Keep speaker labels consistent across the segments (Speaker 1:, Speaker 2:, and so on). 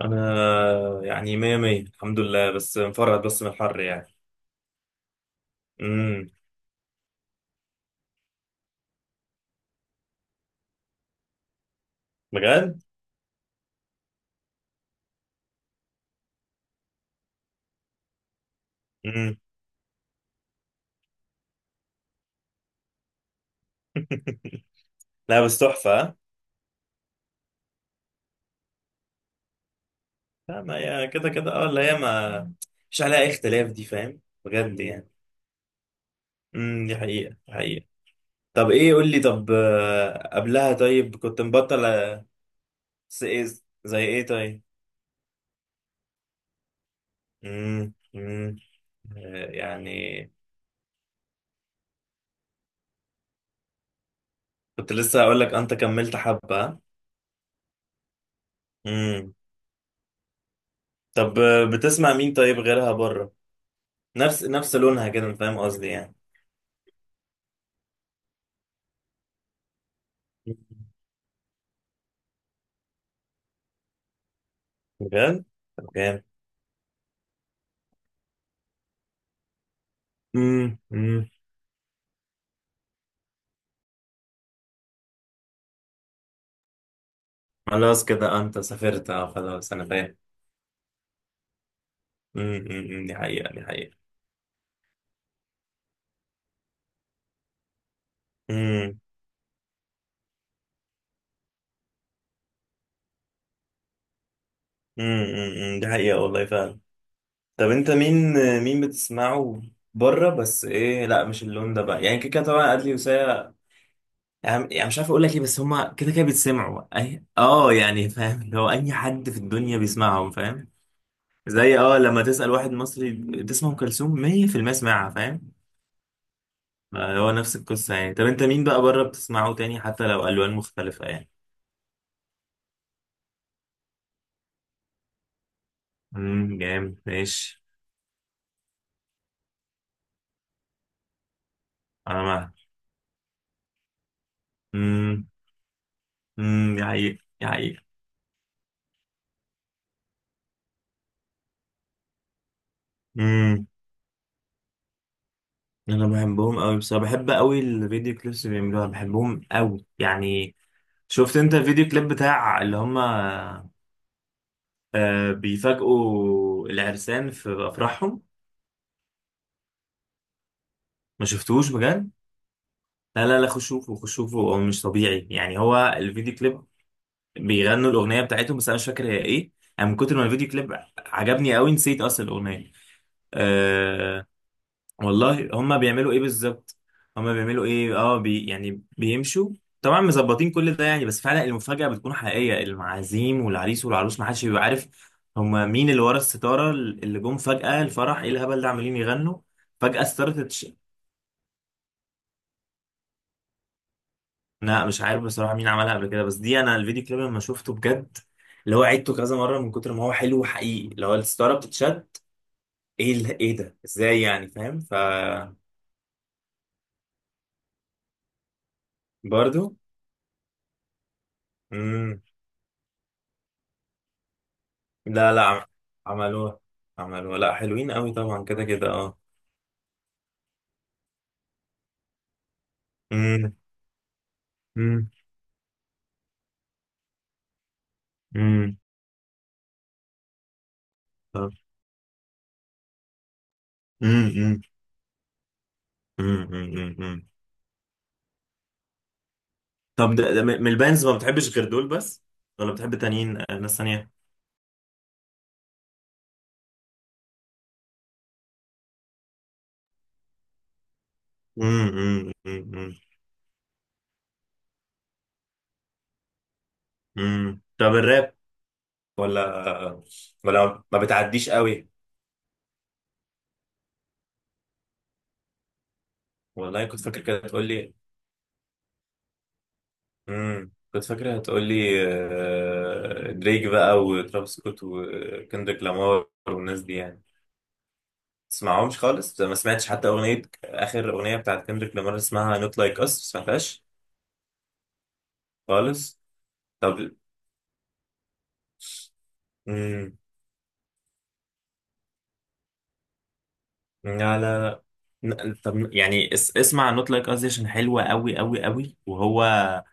Speaker 1: انا يعني مية مية، الحمد لله، بس مفرهد بس من الحر يعني. امم. بجد. امم. لا، بس تحفة، ها؟ لا، ما هي كده كده اللي هي ما مش عليها أي اختلاف، دي فاهم بجد يعني. دي حقيقة، دي حقيقة. طب ايه، قول لي، طب قبلها، طيب كنت مبطل؟ زي ايه طيب؟ امم، امم. آه، يعني. كنت لسه هقول لك انت كملت حبة. امم. طب بتسمع مين طيب، غيرها بره؟ نفس نفس لونها كده، فاهم قصدي يعني. بجد. طب، جامد. امم، امم. خلاص كده انت سافرت، خلاص انا فاهم. أمم، أمم، دي حقيقة، دي حقيقة. امم أمم، أمم، دي حقيقة والله فعلا. طب انت مين؟ مين بتسمعه؟ بره، بس ايه، لا مش اللون ده بقى يعني، كده كده طبعا، ادلي وسيا. يعني مش عارف اقول لك ايه، بس هما كده كده بيتسمعوا اي اه يعني فاهم، اللي هو اي حد في الدنيا بيسمعهم فاهم. زي لما تسأل واحد مصري، تسمع ام كلثوم 100%، يسمعها فاهم. آه، هو نفس القصة يعني. طب انت مين بقى بره بتسمعه تاني، حتى لو ألوان مختلفة يعني؟ امم، جامد، ماشي. انا معاك. امم دي حقيقة، دي حقيقة. امم. انا بحبهم قوي بصراحة، بحب قوي الفيديو كليبس اللي بيعملوها، بحبهم قوي يعني. شفت انت الفيديو كليب بتاع اللي هم آه، بيفاجئوا العرسان في افراحهم؟ ما شفتوش بجد؟ لا، لا، لا، خشوفه خشوفه، هو مش طبيعي يعني، هو الفيديو كليب بيغنوا الاغنيه بتاعتهم، بس انا مش فاكر هي ايه. انا من كتر ما الفيديو كليب عجبني قوي نسيت اصلا الاغنيه. أه. والله هما بيعملوا ايه بالظبط؟ هما بيعملوا ايه، اه بي يعني بيمشوا، طبعا مظبطين كل ده يعني، بس فعلا المفاجاه بتكون حقيقيه، المعازيم والعريس والعروس ما حدش بيبقى عارف هما مين اللي ورا الستاره، اللي جم فجاه الفرح ايه الهبل ده عمالين يغنوا. فجاه الستاره. لا مش عارف بصراحة مين عملها قبل كده، بس دي انا الفيديو كليب لما شفته بجد، اللي هو عيدته كذا مرة من كتر ما هو حلو وحقيقي، اللي هو الستارة بتتشد، ايه ايه ده، ازاي يعني فاهم؟ برضو. امم. لا لا عملوها، عملوها، لا حلوين قوي طبعا كده كده اه. امم، امم، امم. طب. امم، امم، امم، امم، أمم، أمم. طب ده من البانز ما بتحبش غير دول بس، ولا بتحب تانيين، ناس تانية؟ امم، امم، امم، أمم. طب الراب؟ ولا ولا ما بتعديش قوي؟ والله كنت فاكر كده هتقول لي. كنت فاكر هتقول لي دريك بقى وترافيس سكوت وكندريك لامار والناس دي يعني. تسمعهمش خالص، ما سمعتش حتى اغنيه، اخر اغنيه بتاعت كندريك لامار اسمها نوت لايك اس ما سمعتهاش. خالص. طب. امم. لا، لا، لا. طب يعني اسمع نوت لايك اس دي عشان حلوه قوي قوي قوي، وهو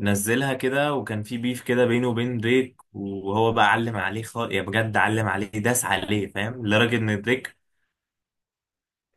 Speaker 1: نزلها كده وكان في بيف كده بينه وبين دريك، وهو بقى علم عليه خالص يا بجد، علم عليه داس عليه فاهم، لدرجة ان دريك.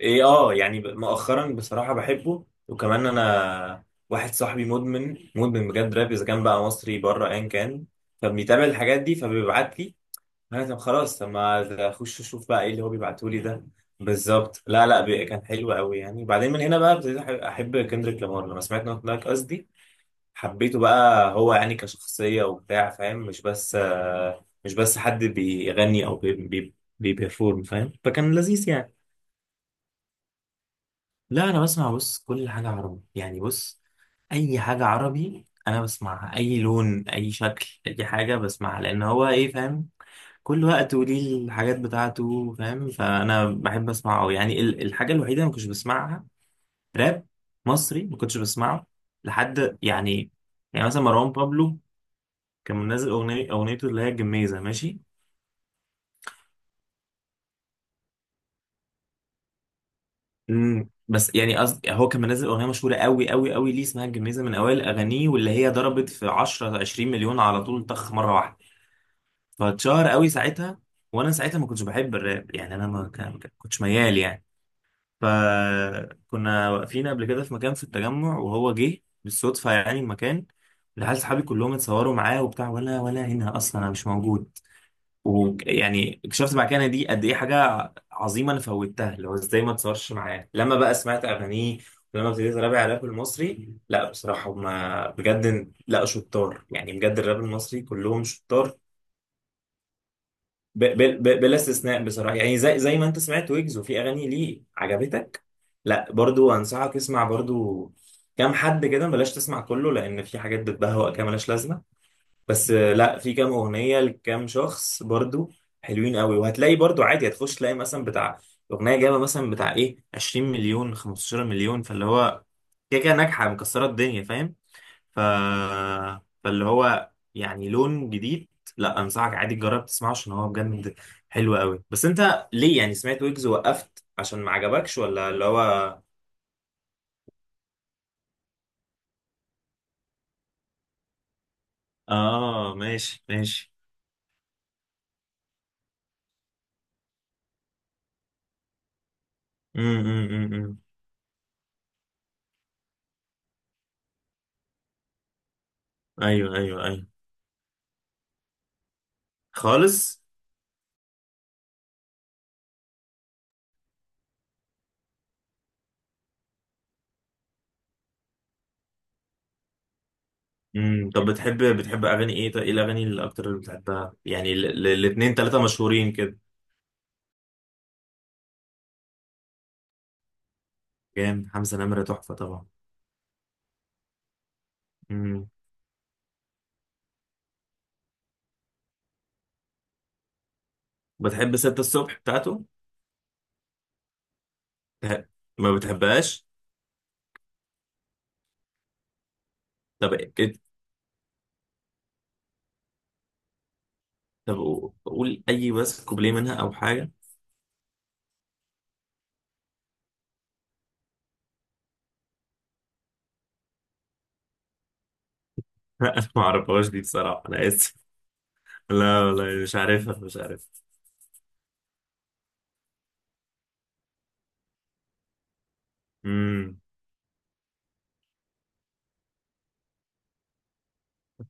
Speaker 1: ايه، يعني مؤخرا بصراحة بحبه، وكمان انا واحد صاحبي مدمن مدمن بجد راب، اذا كان بقى مصري بره ايا كان، فبيتابع الحاجات دي فبيبعت لي. انا طب خلاص، طب ما اخش اشوف بقى ايه اللي هو بيبعته لي ده. بالظبط. لا، لا، كان حلو قوي يعني، وبعدين من هنا بقى ابتديت احب كندريك لامار لما سمعت نوت لايك اس. حبيته بقى، هو يعني كشخصية وبتاع فاهم، مش بس مش بس حد بيغني أو بي بي بيبرفورم فاهم، فكان لذيذ يعني. لا، أنا بسمع، بص، كل حاجة عربي يعني، بص. أي حاجة عربي أنا بسمعها، أي لون، أي شكل، أي حاجة بسمعها، لأن هو إيه فاهم، كل وقت وليه الحاجات بتاعته فاهم، فأنا بحب أسمعه أوي. يعني الحاجة الوحيدة اللي ما كنتش بسمعها، راب مصري، ما كنتش بسمعه لحد يعني. يعني مثلا مروان بابلو كان منزل اغنيته اللي هي الجميزه ماشي. بس يعني قصد، هو كان منزل اغنيه مشهوره قوي قوي قوي ليه اسمها الجميزه، من اوائل اغانيه، واللي هي ضربت في 10 20 مليون على طول، طخ مره واحده، فاتشهر قوي ساعتها. وانا ساعتها ما كنتش بحب الراب يعني، انا ما كنتش ميال يعني. فكنا واقفين قبل كده في مكان في التجمع، وهو جه بالصدفه يعني المكان، العيال صحابي كلهم اتصوروا معاه وبتاع، ولا هنا اصلا انا مش موجود. ويعني اكتشفت بعد كده إن دي قد ايه حاجه عظيمه انا فوتها، اللي هو ازاي ما اتصورش معاه، لما بقى سمعت اغانيه، ولما ابتديت ارابع على الراب المصري، لا بصراحه هما بجد لا شطار يعني، بجد الراب المصري كلهم شطار، بلا استثناء بصراحه يعني، زي ما انت سمعت ويجز وفي اغاني ليه عجبتك. لا، برضو انصحك اسمع برضو، كام حد كده، بلاش تسمع كله لان في حاجات بتبهوأ كده ملهاش لازمه، بس لا في كام اغنيه لكام شخص برضو، حلوين قوي، وهتلاقي برضو عادي، هتخش تلاقي مثلا بتاع اغنيه جايبه مثلا بتاع ايه 20 مليون 15 مليون، فاللي هو كده كده ناجحه مكسره الدنيا فاهم، ف، فاللي هو يعني لون جديد. لا انصحك عادي تجرب تسمعه عشان هو بجد حلو قوي. بس انت ليه، يعني سمعت ويجز وقفت عشان ما عجبكش، ولا اللي هو؟ اه، ماشي، ماشي. امم، امم، أمم. ايوه، ايوه، ايوه. خالص. طب، بتحب اغاني ايه طيب، ايه الاغاني اللي اكتر اللي بتحبها، يعني الاتنين تلاتة مشهورين كده؟ جامد، حمزة نمرة تحفة طبعا. امم بتحب ستة الصبح بتاعته؟ بتح- ما بتحبهاش؟ طب كده. طب قول اي، بس كوبليه منها او حاجة. لا انا ما اعرفهاش دي بصراحة، انا اسف. لا والله مش عارفها، مش عارف. امم.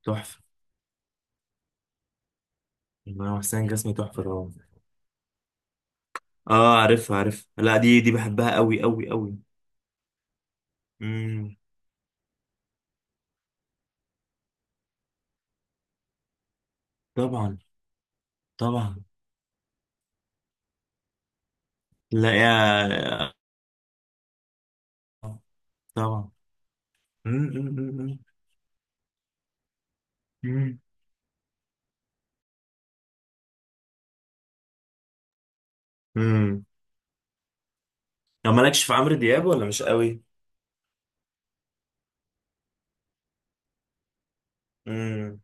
Speaker 1: تحفة. إمام حسين جسمي تحفة طبعا. اه عارفها عارفها، لا دي بحبها قوي قوي قوي. امم. طبعا. طبعا. لا يا. طبعا. مم، مم، مم، مم. مم. لو مالكش في عمرو دياب، ولا مش قوي؟ مم.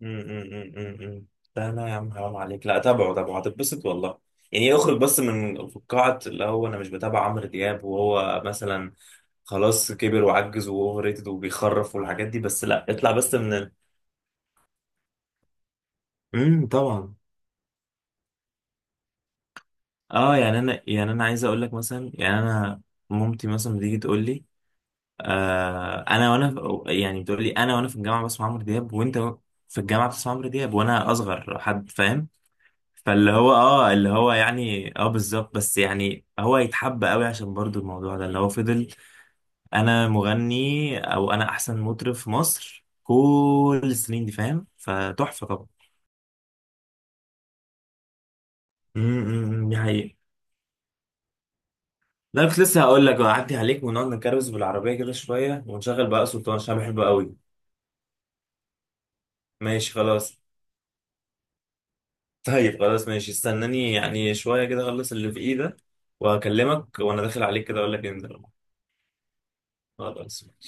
Speaker 1: مم، مم، مم، مم، مم. لا لا يا عم حرام عليك، لا تابعه تابعه هتتبسط والله، يعني اخرج بس من فقاعة اللي هو انا مش بتابع عمرو دياب وهو مثلا خلاص كبر وعجز واوفر ريتد وبيخرف والحاجات دي، بس لا اطلع بس من ال. مم، طبعا. اه يعني انا، يعني انا عايز اقول لك مثلا، يعني انا مامتي مثلا بتيجي تقول لي، آه انا وانا يعني بتقول لي انا وانا في الجامعه بسمع عمرو دياب، وانت في الجامعه بتسمع عمرو دياب وانا اصغر حد فاهم، فاللي هو اللي هو يعني بالظبط، بس يعني هو يتحب قوي عشان برضو الموضوع ده اللي هو فضل انا مغني او انا احسن مطرب في مصر كل السنين دي فاهم، فتحفه طبعا. دي حقيقة. لا كنت لسه هقول لك اعدي عليك ونقعد نكروز بالعربيه كده شويه، ونشغل بقى سلطان عشان بحبه قوي. ماشي خلاص. طيب خلاص ماشي، استناني يعني شوية كده اخلص اللي في ايدك، وهكلمك وانا داخل عليك كده اقول لك انزل. خلاص.